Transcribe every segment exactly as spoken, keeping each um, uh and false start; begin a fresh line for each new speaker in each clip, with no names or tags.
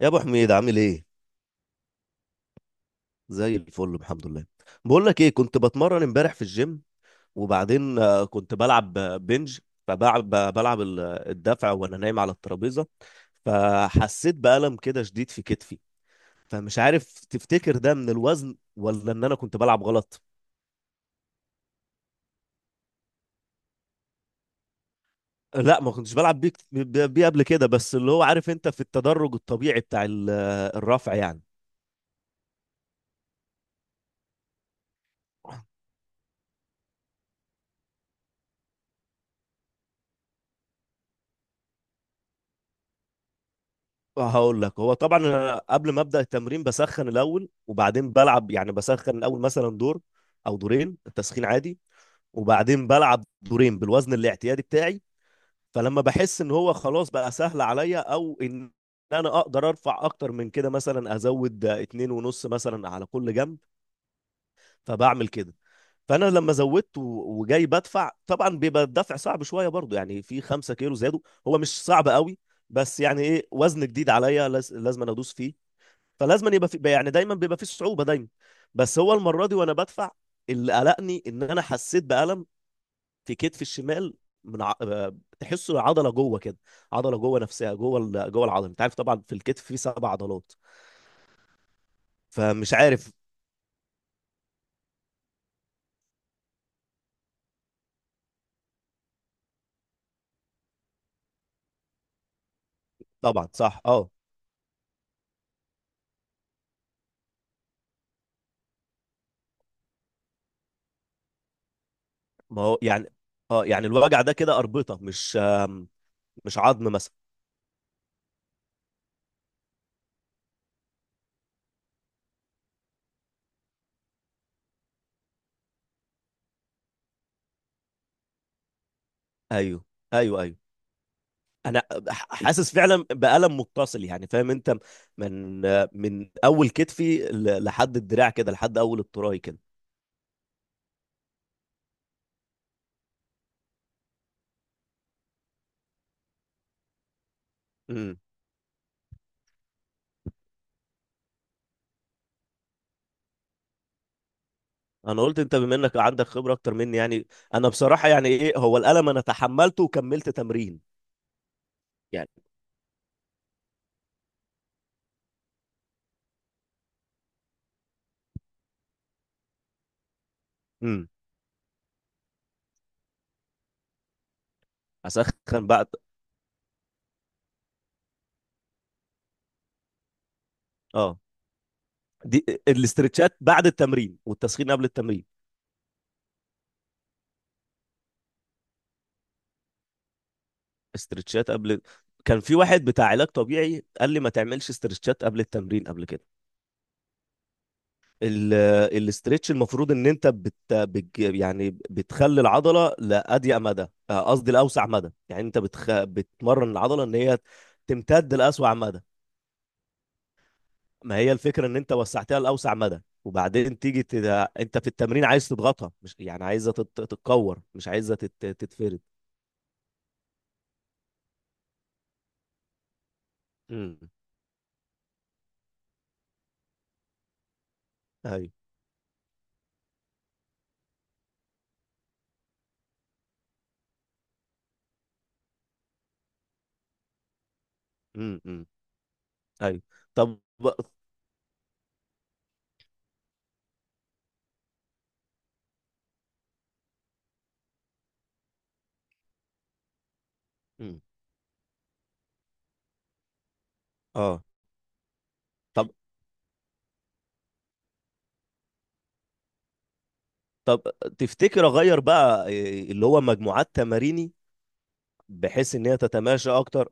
يا ابو حميد عامل ايه؟ زي الفل، الحمد لله. بقول لك ايه، كنت بتمرن امبارح في الجيم وبعدين آه، كنت بلعب آه، بنج. فبلعب بلعب ال- الدفع وانا نايم على الترابيزه. فحسيت بألم كده شديد في كتفي. فمش عارف، تفتكر ده من الوزن ولا ان انا كنت بلعب غلط؟ لا، ما كنتش بلعب بيه كت- بيه قبل كده، بس اللي هو عارف انت في التدرج الطبيعي بتاع ال- الرفع يعني. هقول لك، هو طبعا انا قبل ما ابدا التمرين بسخن الاول وبعدين بلعب. يعني بسخن الاول مثلا دور او دورين تسخين عادي، وبعدين بلعب دورين بالوزن الاعتيادي بتاعي. فلما بحس ان هو خلاص بقى سهل عليا، او ان انا اقدر ارفع اكتر من كده، مثلا ازود اتنين ونص مثلا على كل جنب، فبعمل كده. فانا لما زودت و- وجاي بدفع، طبعا بيبقى الدفع صعب شويه برضو، يعني في 5 كيلو زادوا. هو مش صعب قوي، بس يعني ايه، وزن جديد عليا لاز- لازم أنا ادوس فيه. فلازم يبقى في، يعني دايما بيبقى في صعوبه دايما. بس هو المره دي وانا بدفع، اللي قلقني ان انا حسيت بألم في كتفي الشمال، من ع... آه، تحسه عضله جوه كده، عضله جوه نفسها، جوه ال... جوه العضله. انت عارف طبعا في الكتف في سبع عضلات. فمش عارف. طبعا، صح، اه. ما هو يعني، اه يعني، الوجع ده كده اربطه، مش آم، مش عظم مثلا. ايوه، ايوه، ايوه. انا ح- حاسس فعلا بألم متصل، يعني فاهم انت، من من اول كتفي ل- لحد الدراع كده، لحد اول التراي كده. امم. انا قلت انت بما انك عندك خبرة اكتر مني يعني، انا بصراحة يعني ايه، هو الألم انا تحملته وكملت تمرين. يعني. امم. اسخن بعد. اه. دي الاسترتشات بعد التمرين، والتسخين قبل التمرين؟ استرتشات قبل؟ كان في واحد بتاع علاج طبيعي قال لي ما تعملش استرتشات قبل التمرين، قبل كده. ال- الاسترتش، المفروض ان انت بت بت- يعني بتخلي العضله لاضيق مدى، آه، قصدي لاوسع مدى، يعني انت بتخ... بتمرن العضله ان هي تمتد لاسوع مدى. ما هي الفكره ان انت وسعتها لاوسع مدى، وبعدين تيجي تد... انت في التمرين عايز تضغطها، مش يعني عايزه تت... تتكور، مش عايزه تت... تتفرد. امم. ايوه. امم، امم. ايوه. طب. امم. اه، طب طب، تفتكر اغير بقى إيه، اللي هو مجموعات تماريني، بحيث ان هي تتماشى اكتر؟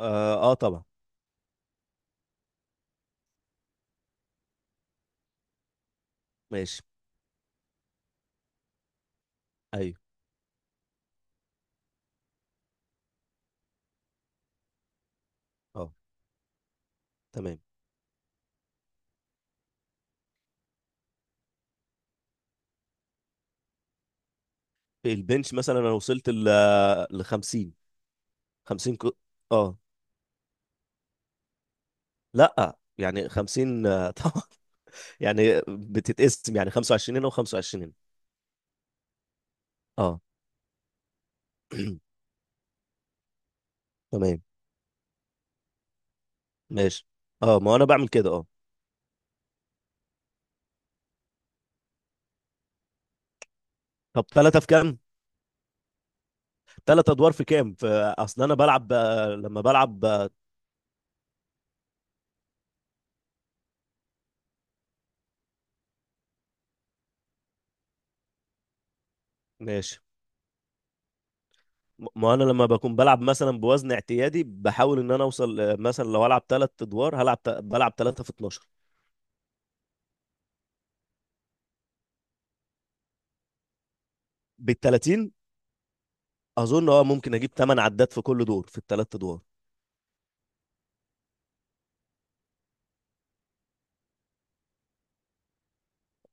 اه, آه طبعا. ماشي. ايوه. اه. تمام. البنش مثلا، انا وصلت ل ل خمسين. 50 كو... اه لا، يعني خمسين آه، طبعا. يعني بتتقسم، يعني خمس وعشرين هنا و25 هنا. اه. تمام، ماشي، اه ما انا بعمل كده، اه. طب، ثلاثة في كام؟ ثلاث ادوار في كام؟ في... اصل انا بلعب آه، لما بلعب آه، ماشي. م- ما انا لما بكون بلعب مثلا بوزن اعتيادي، بحاول ان انا اوصل آه، مثلا لو العب ثلاث ادوار هلعب ت- بلعب ثلاثة في اتناشر. بال تلاتين؟ اظن اه، ممكن اجيب 8 عدات في كل دور في الثلاث ادوار.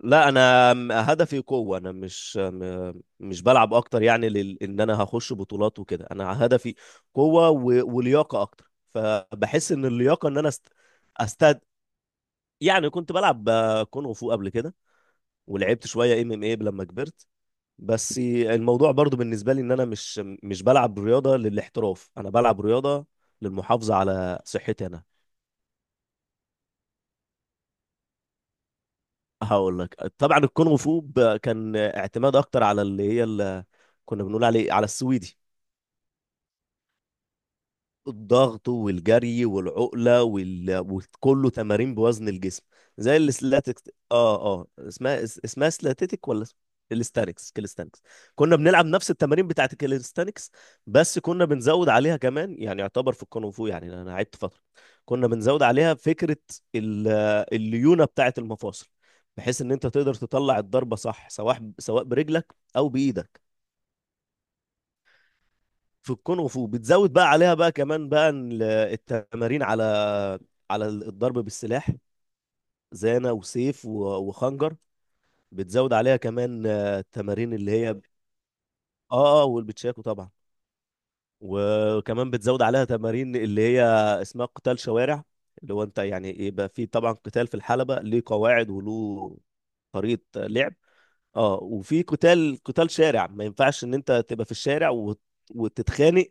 لا، انا م- هدفي قوه، انا مش م- مش بلعب اكتر، يعني لل... ان انا هخش بطولات وكده. انا هدفي قوه و... ولياقه اكتر، فبحس ان اللياقه ان انا است... استد يعني كنت بلعب آه، كونغ فو قبل كده، ولعبت شويه ام ام اي لما كبرت. بس الموضوع برضو بالنسبه لي، ان انا مش مش بلعب رياضه للاحتراف، انا بلعب رياضه للمحافظه على صحتي انا. هقول لك، طبعا الكونغ فو ب- كان اعتماد اكتر على اللي هي اللي كنا بنقول عليه، على السويدي. الضغط والجري والعقله وال... وكله تمارين بوزن الجسم. زي الاستاتيك. اه اه، اسمها اس- اسمها سلاتيتك، ولا اسم- الاستانكس، كاليستانكس. كنا بنلعب نفس التمارين بتاعت الكاليستانكس، بس كنا بنزود عليها كمان، يعني يعتبر في الكونغ فو، يعني انا لعبت فتره. كنا بنزود عليها فكره ال- الليونه بتاعت المفاصل، بحيث ان انت تقدر تطلع الضربه صح، سواء سواء برجلك او بايدك. في الكونغ فو بتزود بقى عليها بقى كمان بقى ال- التمارين على على الضرب بالسلاح، زانة وسيف و- وخنجر. بتزود عليها كمان آه، التمارين اللي هي اه. اه، والبتشاكو طبعا. وكمان بتزود عليها تمارين اللي هي اسمها قتال شوارع. اللي هو انت يعني، يبقى في طبعا قتال في الحلبة، ليه قواعد وله طريقة لعب. اه، وفي قتال قتال شارع ما ينفعش ان انت تبقى في الشارع وت- وتتخانق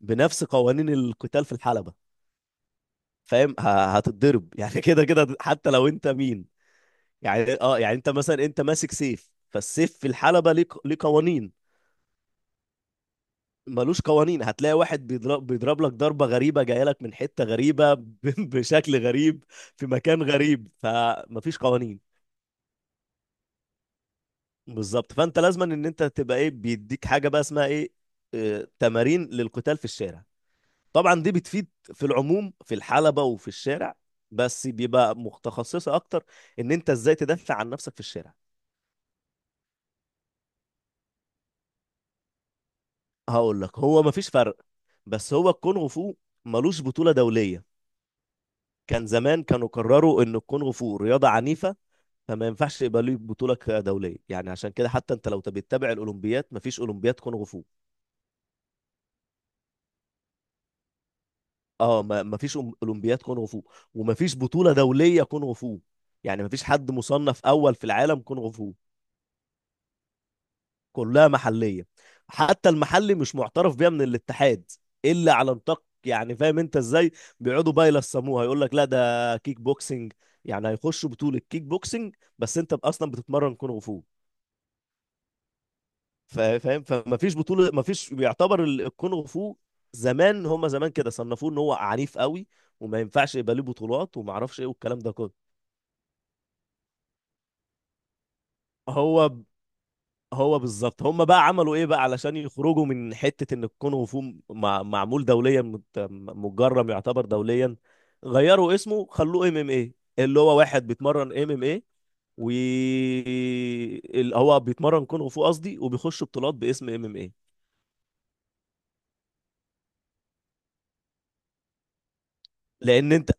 بنفس قوانين القتال في الحلبة. فاهم، ه- هتتضرب يعني كده كده هت- حتى لو انت مين. يعني اه يعني انت مثلا، انت ماسك سيف، فالسيف في الحلبة ليه ق- ليه قوانين. ملوش قوانين، هتلاقي واحد بيضرب بيضرب لك ضربة غريبة جاية لك من حتة غريبة، ب- بشكل غريب، في مكان غريب، فمفيش قوانين. بالظبط، فانت لازما ان انت تبقى ايه، بيديك حاجة بقى اسمها ايه، آه، تمارين للقتال في الشارع. طبعا دي بتفيد في العموم في الحلبة وفي الشارع، بس بيبقى متخصصة اكتر، ان انت ازاي تدافع عن نفسك في الشارع. هقول لك، هو مفيش فرق، بس هو الكونغ فو ملوش بطولة دولية. كان زمان، كانوا قرروا ان الكونغ فو رياضة عنيفة، فما ينفعش يبقى ليه بطولة ك- دولية، يعني عشان كده حتى انت لو بتتابع الاولمبياد، مفيش اولمبياد كونغ فو. اه، ما- مفيش أم- اولمبياد كونغ فو، ومفيش بطولة دولية كونغ فو، يعني مفيش حد مصنف اول في العالم كونغ فو. كلها محلية. حتى المحلي مش معترف بيها من الاتحاد إلا على نطاق، يعني فاهم انت ازاي، بيقعدوا بقى يلصموها، يقول لك لا، ده كيك بوكسنج، يعني هيخشوا بطولة كيك بوكسنج بس انت اصلا بتتمرن كونغ فو. فا- فاهم، فما فيش بطولة، ما فيش بيعتبر ال- الكونغ فو. زمان، هما زمان كده صنفوه ان هو عنيف قوي، وما ينفعش يبقى ليه بطولات وما اعرفش ايه والكلام ده كله. هو هو بالظبط، هم بقى عملوا ايه بقى علشان يخرجوا من حتة ان الكونغ فو م- مع- معمول دوليا، مت- متجرم يعتبر دوليا. غيروا اسمه، خلوه ام ام ايه، اللي هو واحد بيتمرن ام ام ايه، و اللي هو بيتمرن كونغ فو، قصدي، وبيخش بطولات باسم ام ام ايه. لان انت.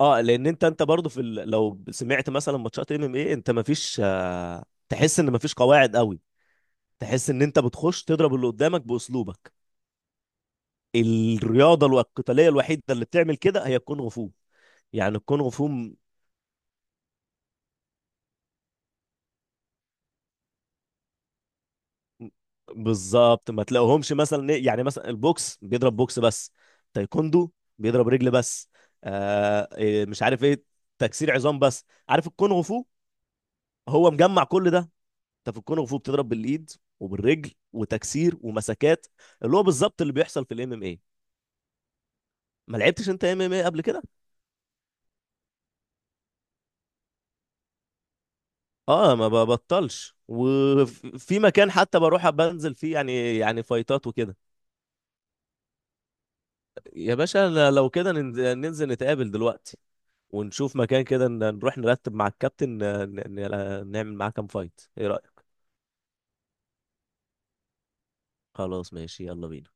اه، لان انت انت برضه في ال... لو سمعت مثلا ماتشات ام ام ايه، انت مفيش آه، تحس ان مفيش قواعد قوي، تحس ان انت بتخش تضرب اللي قدامك باسلوبك. الرياضه الو- القتاليه الوحيده اللي بتعمل كده هي الكونغ فو. يعني الكونغ فو م- بالظبط، ما تلاقوهمش مثلا إيه، يعني مثلا البوكس بيضرب بوكس بس، تايكوندو بيضرب رجل بس. آه إيه، مش عارف ايه، تكسير عظام بس. عارف الكونغ فو، هو مجمع كل ده. انت في الكونغ فو بتضرب بالايد وبالرجل، وتكسير ومسكات، اللي هو بالظبط اللي بيحصل في الام ام اي. ما لعبتش انت ام ام اي قبل كده؟ اه، ما ببطلش، وفي مكان حتى بروح بنزل فيه يعني يعني فايتات وكده. يا باشا، ل- لو كده ننز- ننزل نتقابل دلوقتي، ونشوف مكان كده ن- نروح نرتب مع الكابتن، ن- ن- نعمل معاه كام فايت، ايه رأيك؟ خلاص، ماشي، يلا بينا.